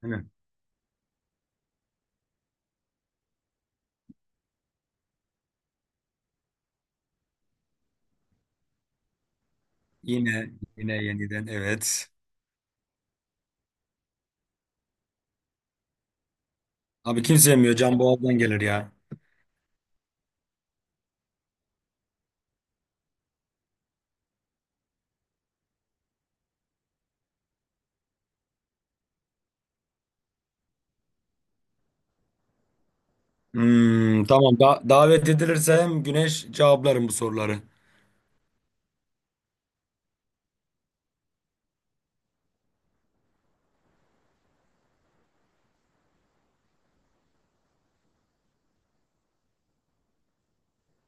Hani yine yine yeniden evet. Abi kimse yemiyor. Can Boğaz'dan gelir ya. Hmm, tamam da davet edilirse güneş cevaplarım bu soruları.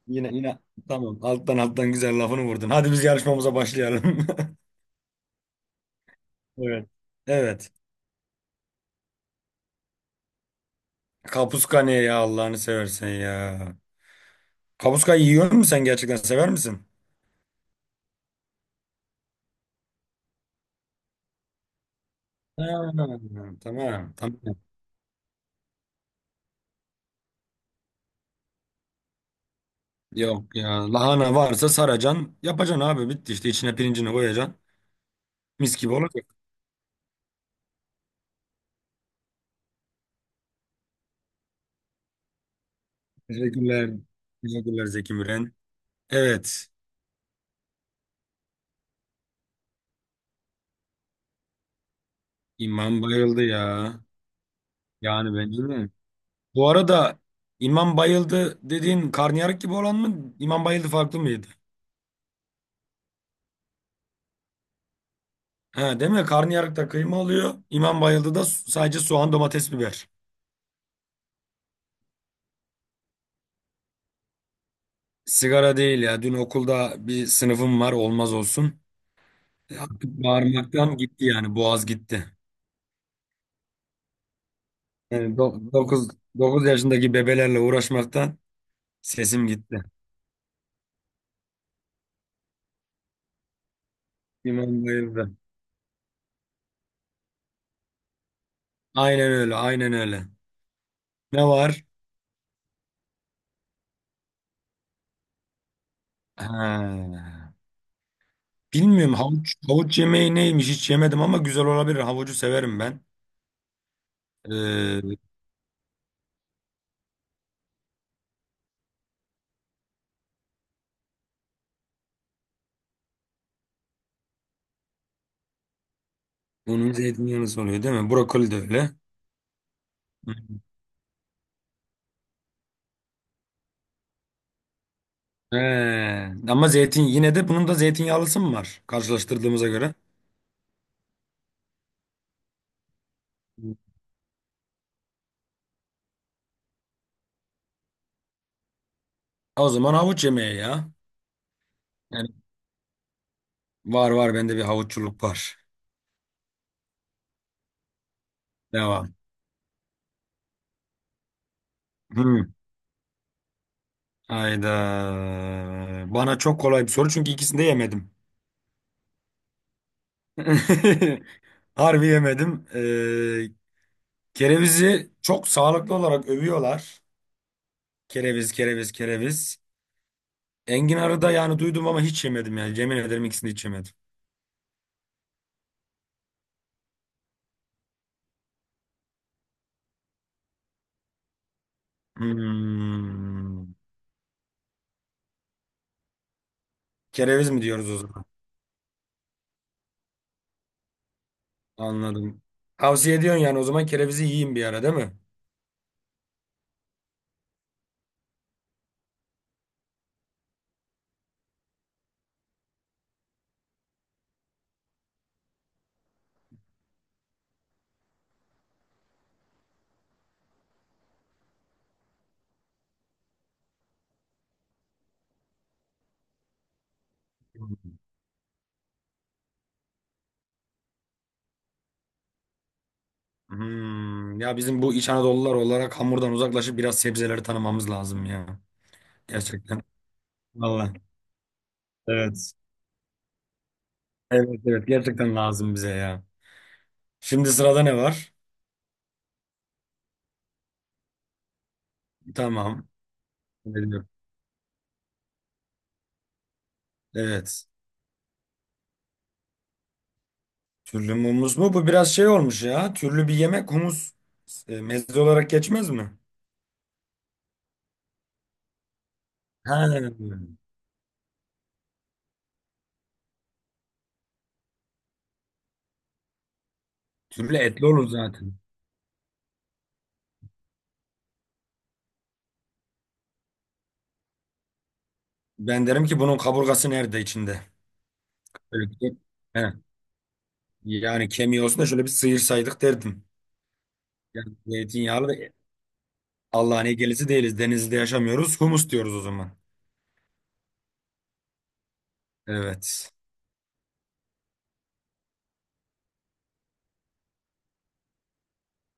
Yine yine tamam alttan alttan güzel lafını vurdun. Hadi biz yarışmamıza başlayalım. Evet. Evet. Kapuska ne ya Allah'ını seversen ya. Kapuska yiyor musun sen gerçekten sever misin? Ha, tamam tamam. Yok ya lahana varsa saracan yapacaksın abi bitti işte içine pirincini koyacaksın. Mis gibi olacak. Teşekkürler. Teşekkürler Zeki Müren. Evet. İmam bayıldı ya. Yani bence de. Bu arada İmam bayıldı dediğin karnıyarık gibi olan mı? İmam bayıldı farklı mıydı? Ha, değil mi? Karnıyarıkta kıyma oluyor. İmam bayıldı da sadece soğan, domates, biber. Sigara değil ya. Dün okulda bir sınıfım var. Olmaz olsun. E, artık bağırmaktan gitti yani. Boğaz gitti. Yani do 9 9 yaşındaki bebelerle uğraşmaktan sesim gitti. İmam bayıldı. Aynen öyle, aynen öyle. Ne var? Ha. Bilmiyorum havuç yemeği neymiş hiç yemedim ama güzel olabilir. Havucu severim ben. Ee, bunun zeytinyağlısı oluyor değil mi? Brokoli de öyle. Hı. He. Ama zeytin yine de bunun da zeytinyağlısı mı var karşılaştırdığımıza göre? Hı. O zaman havuç yemeği ya. Yani var bende bir havuççuluk var. Devam. Hı. Hayda. Bana çok kolay bir soru çünkü ikisini de yemedim. Harbi yemedim. Kerevizi çok sağlıklı olarak övüyorlar. Kereviz, kereviz, kereviz. Enginarı da yani duydum ama hiç yemedim yani. Yemin ederim ikisini hiç yemedim. Hmm. Kereviz mi diyoruz o zaman? Anladım. Tavsiye ediyorsun yani o zaman kerevizi yiyeyim bir ara değil mi? Hmm. Ya bizim bu İç Anadolular olarak hamurdan uzaklaşıp biraz sebzeleri tanımamız lazım ya. Gerçekten. Vallahi. Evet. Evet evet gerçekten lazım bize ya. Şimdi sırada ne var? Tamam. Evet. Evet. Türlü mü humus mu? Bu biraz şey olmuş ya. Türlü bir yemek humus meze olarak geçmez mi? Ha, türlü etli olur zaten. Ben derim ki bunun kaburgası nerede içinde? Böyle he, yani kemiği olsun da şöyle bir sıyırsaydık derdim. Yani zeytinyağlı da Allah'ın gelisi değiliz. Denizli'de yaşamıyoruz. Humus diyoruz o zaman. Evet.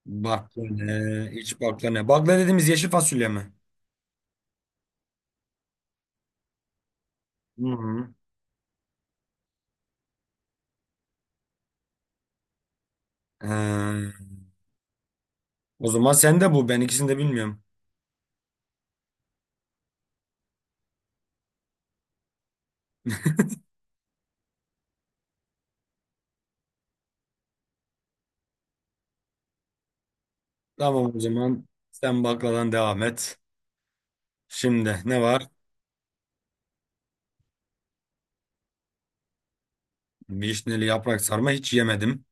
Bakla ne? İç bakla ne? Bakla dediğimiz yeşil fasulye mi? Hı hı. Ee, o zaman sen de bu. Ben ikisini de bilmiyorum. Tamam o zaman sen bakladan devam et. Şimdi ne var? Vişneli yaprak sarma hiç yemedim.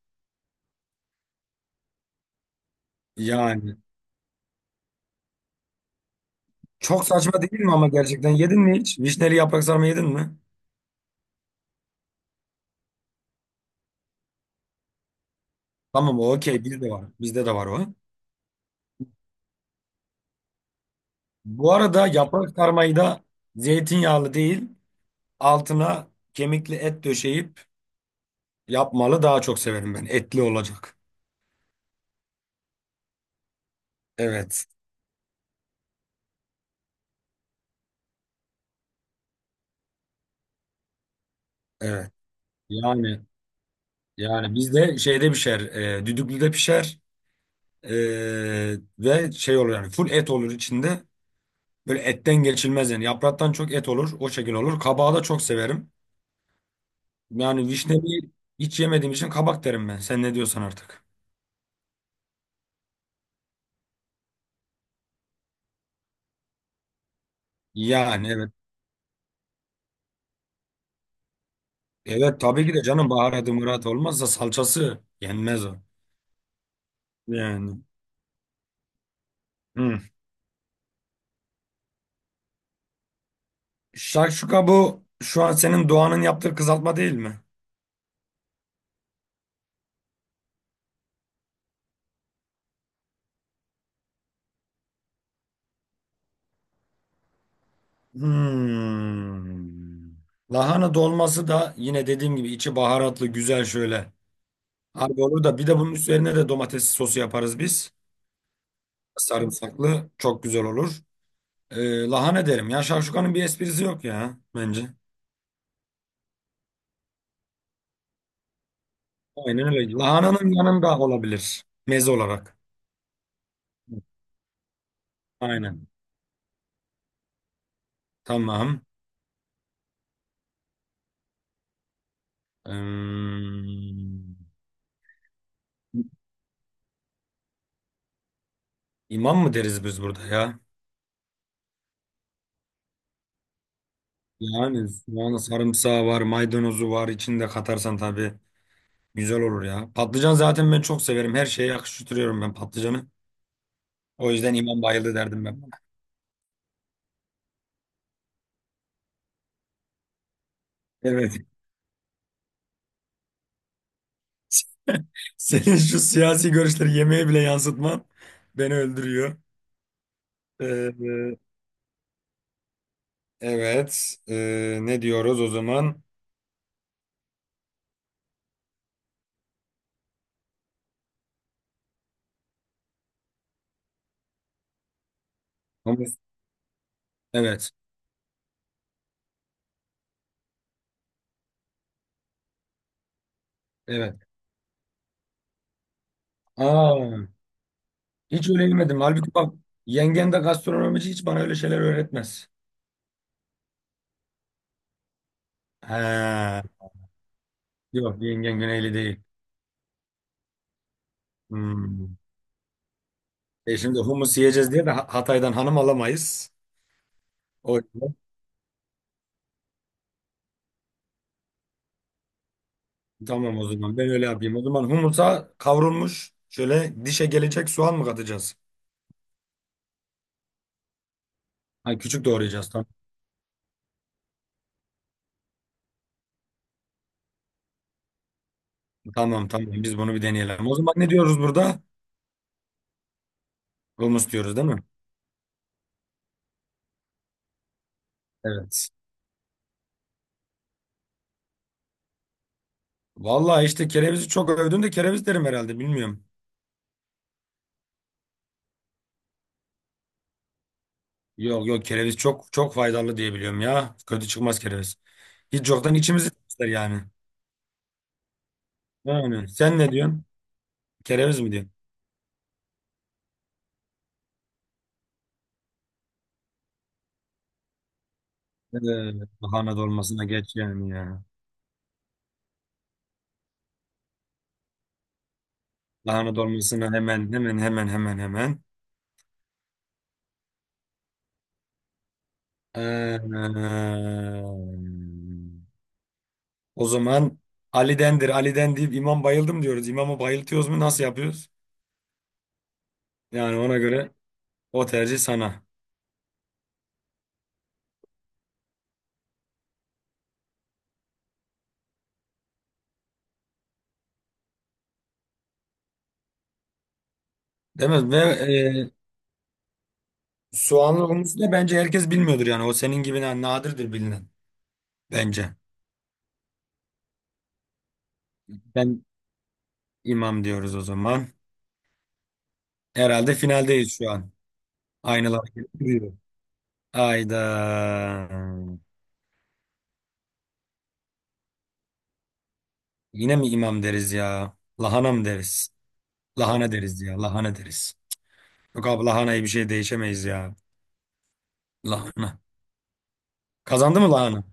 Yani çok saçma değil mi ama gerçekten yedin mi hiç? Vişneli yaprak sarma yedin mi? Tamam o okey bizde var. Bizde de var o. Bu arada yaprak sarmayı da zeytinyağlı değil altına kemikli et döşeyip yapmalı daha çok severim ben. Etli olacak. Evet. Evet. Yani yani bizde şeyde pişer. E, düdüklüde pişer. Ve şey olur yani full et olur içinde. Böyle etten geçilmez yani. Yapraktan çok et olur. O şekil olur. Kabağı da çok severim. Yani vişneyi hiç yemediğim için kabak derim ben. Sen ne diyorsan artık. Yani evet. Evet tabii ki de canım baharatı murat olmazsa salçası yenmez o. Yani. Hı. Şakşuka bu şu an senin Doğan'ın yaptığı kızartma değil mi? Hmm. Lahana dolması da yine dediğim gibi içi baharatlı güzel şöyle. Abi olur da bir de bunun üzerine de domates sosu yaparız biz. Sarımsaklı çok güzel olur. Lahana derim ya şavşukanın bir esprisi yok ya bence. Aynen öyle. Lahananın yanında olabilir meze olarak. Aynen. Tamam. Ee, imam mı deriz biz burada ya? Yani soğanı sarımsağı var, maydanozu var. İçinde katarsan tabii güzel olur ya. Patlıcan zaten ben çok severim. Her şeye yakıştırıyorum ben patlıcanı. O yüzden imam bayıldı derdim ben. Evet. Senin şu siyasi görüşleri yemeğe bile yansıtman beni öldürüyor. Ee, evet. Ne diyoruz o zaman? Humus. Evet. Evet. Aa, hiç öyle yemedim. Halbuki bak yengen de gastronomici hiç bana öyle şeyler öğretmez. Ha, yok yengen Güneyli değil. Hmm. E şimdi humus yiyeceğiz diye de Hatay'dan hanım alamayız. O yüzden tamam o zaman ben öyle yapayım. O zaman humusa kavrulmuş şöyle dişe gelecek soğan mı katacağız? Ha, küçük doğrayacağız tamam. Tamam tamam biz bunu bir deneyelim. O zaman ne diyoruz burada? Humus diyoruz değil mi? Evet. Vallahi işte kerevizi çok övdün de kereviz derim herhalde bilmiyorum. Yok yok kereviz çok çok faydalı diye biliyorum ya. Kötü çıkmaz kereviz. Hiç yoktan içimizi temizler yani. Yani sen ne diyorsun? Kereviz mi diyorsun? Evet, lahana dolmasına geç yani ya. Lahana dolmasına hemen hemen hemen hemen hemen. Ee, O zaman Ali'dendir, Ali'den deyip imam bayıldım diyoruz. İmamı bayıltıyoruz mu nasıl yapıyoruz? Yani ona göre o tercih sana. Değil mi? Ve soğanlı humusu da bence herkes bilmiyordur yani. O senin gibi nadirdir bilinen bence. Ben imam diyoruz o zaman. Herhalde finaldeyiz şu an. Aynalar gibi duruyor. Ayda. Yine mi imam deriz ya? Lahana mı deriz? Lahana deriz ya. Lahana deriz. Yok abi lahanayı bir şey değişemeyiz ya. Lahana. Kazandı mı lahana?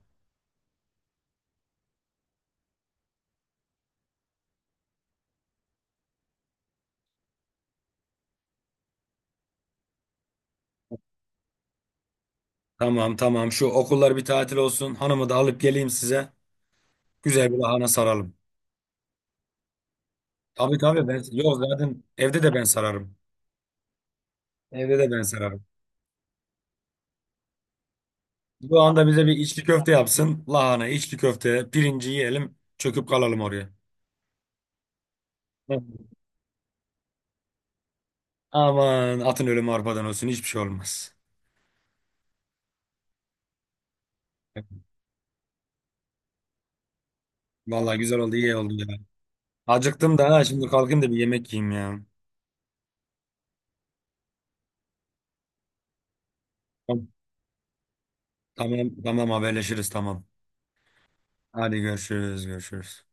Tamam tamam şu okullar bir tatil olsun. Hanımı da alıp geleyim size. Güzel bir lahana saralım. Tabii tabii ben yok zaten evde de ben sararım. Evde de ben sararım. Bu anda bize bir içli köfte yapsın. Lahana, içli köfte, pirinci yiyelim. Çöküp kalalım oraya. Evet. Aman atın ölümü arpadan olsun. Hiçbir şey olmaz. Vallahi güzel oldu, iyi oldu ya. Acıktım da ha, şimdi kalkayım da bir yemek yiyeyim ya. Tamam tamam tamam. Haberleşiriz tamam. Hadi görüşürüz görüşürüz.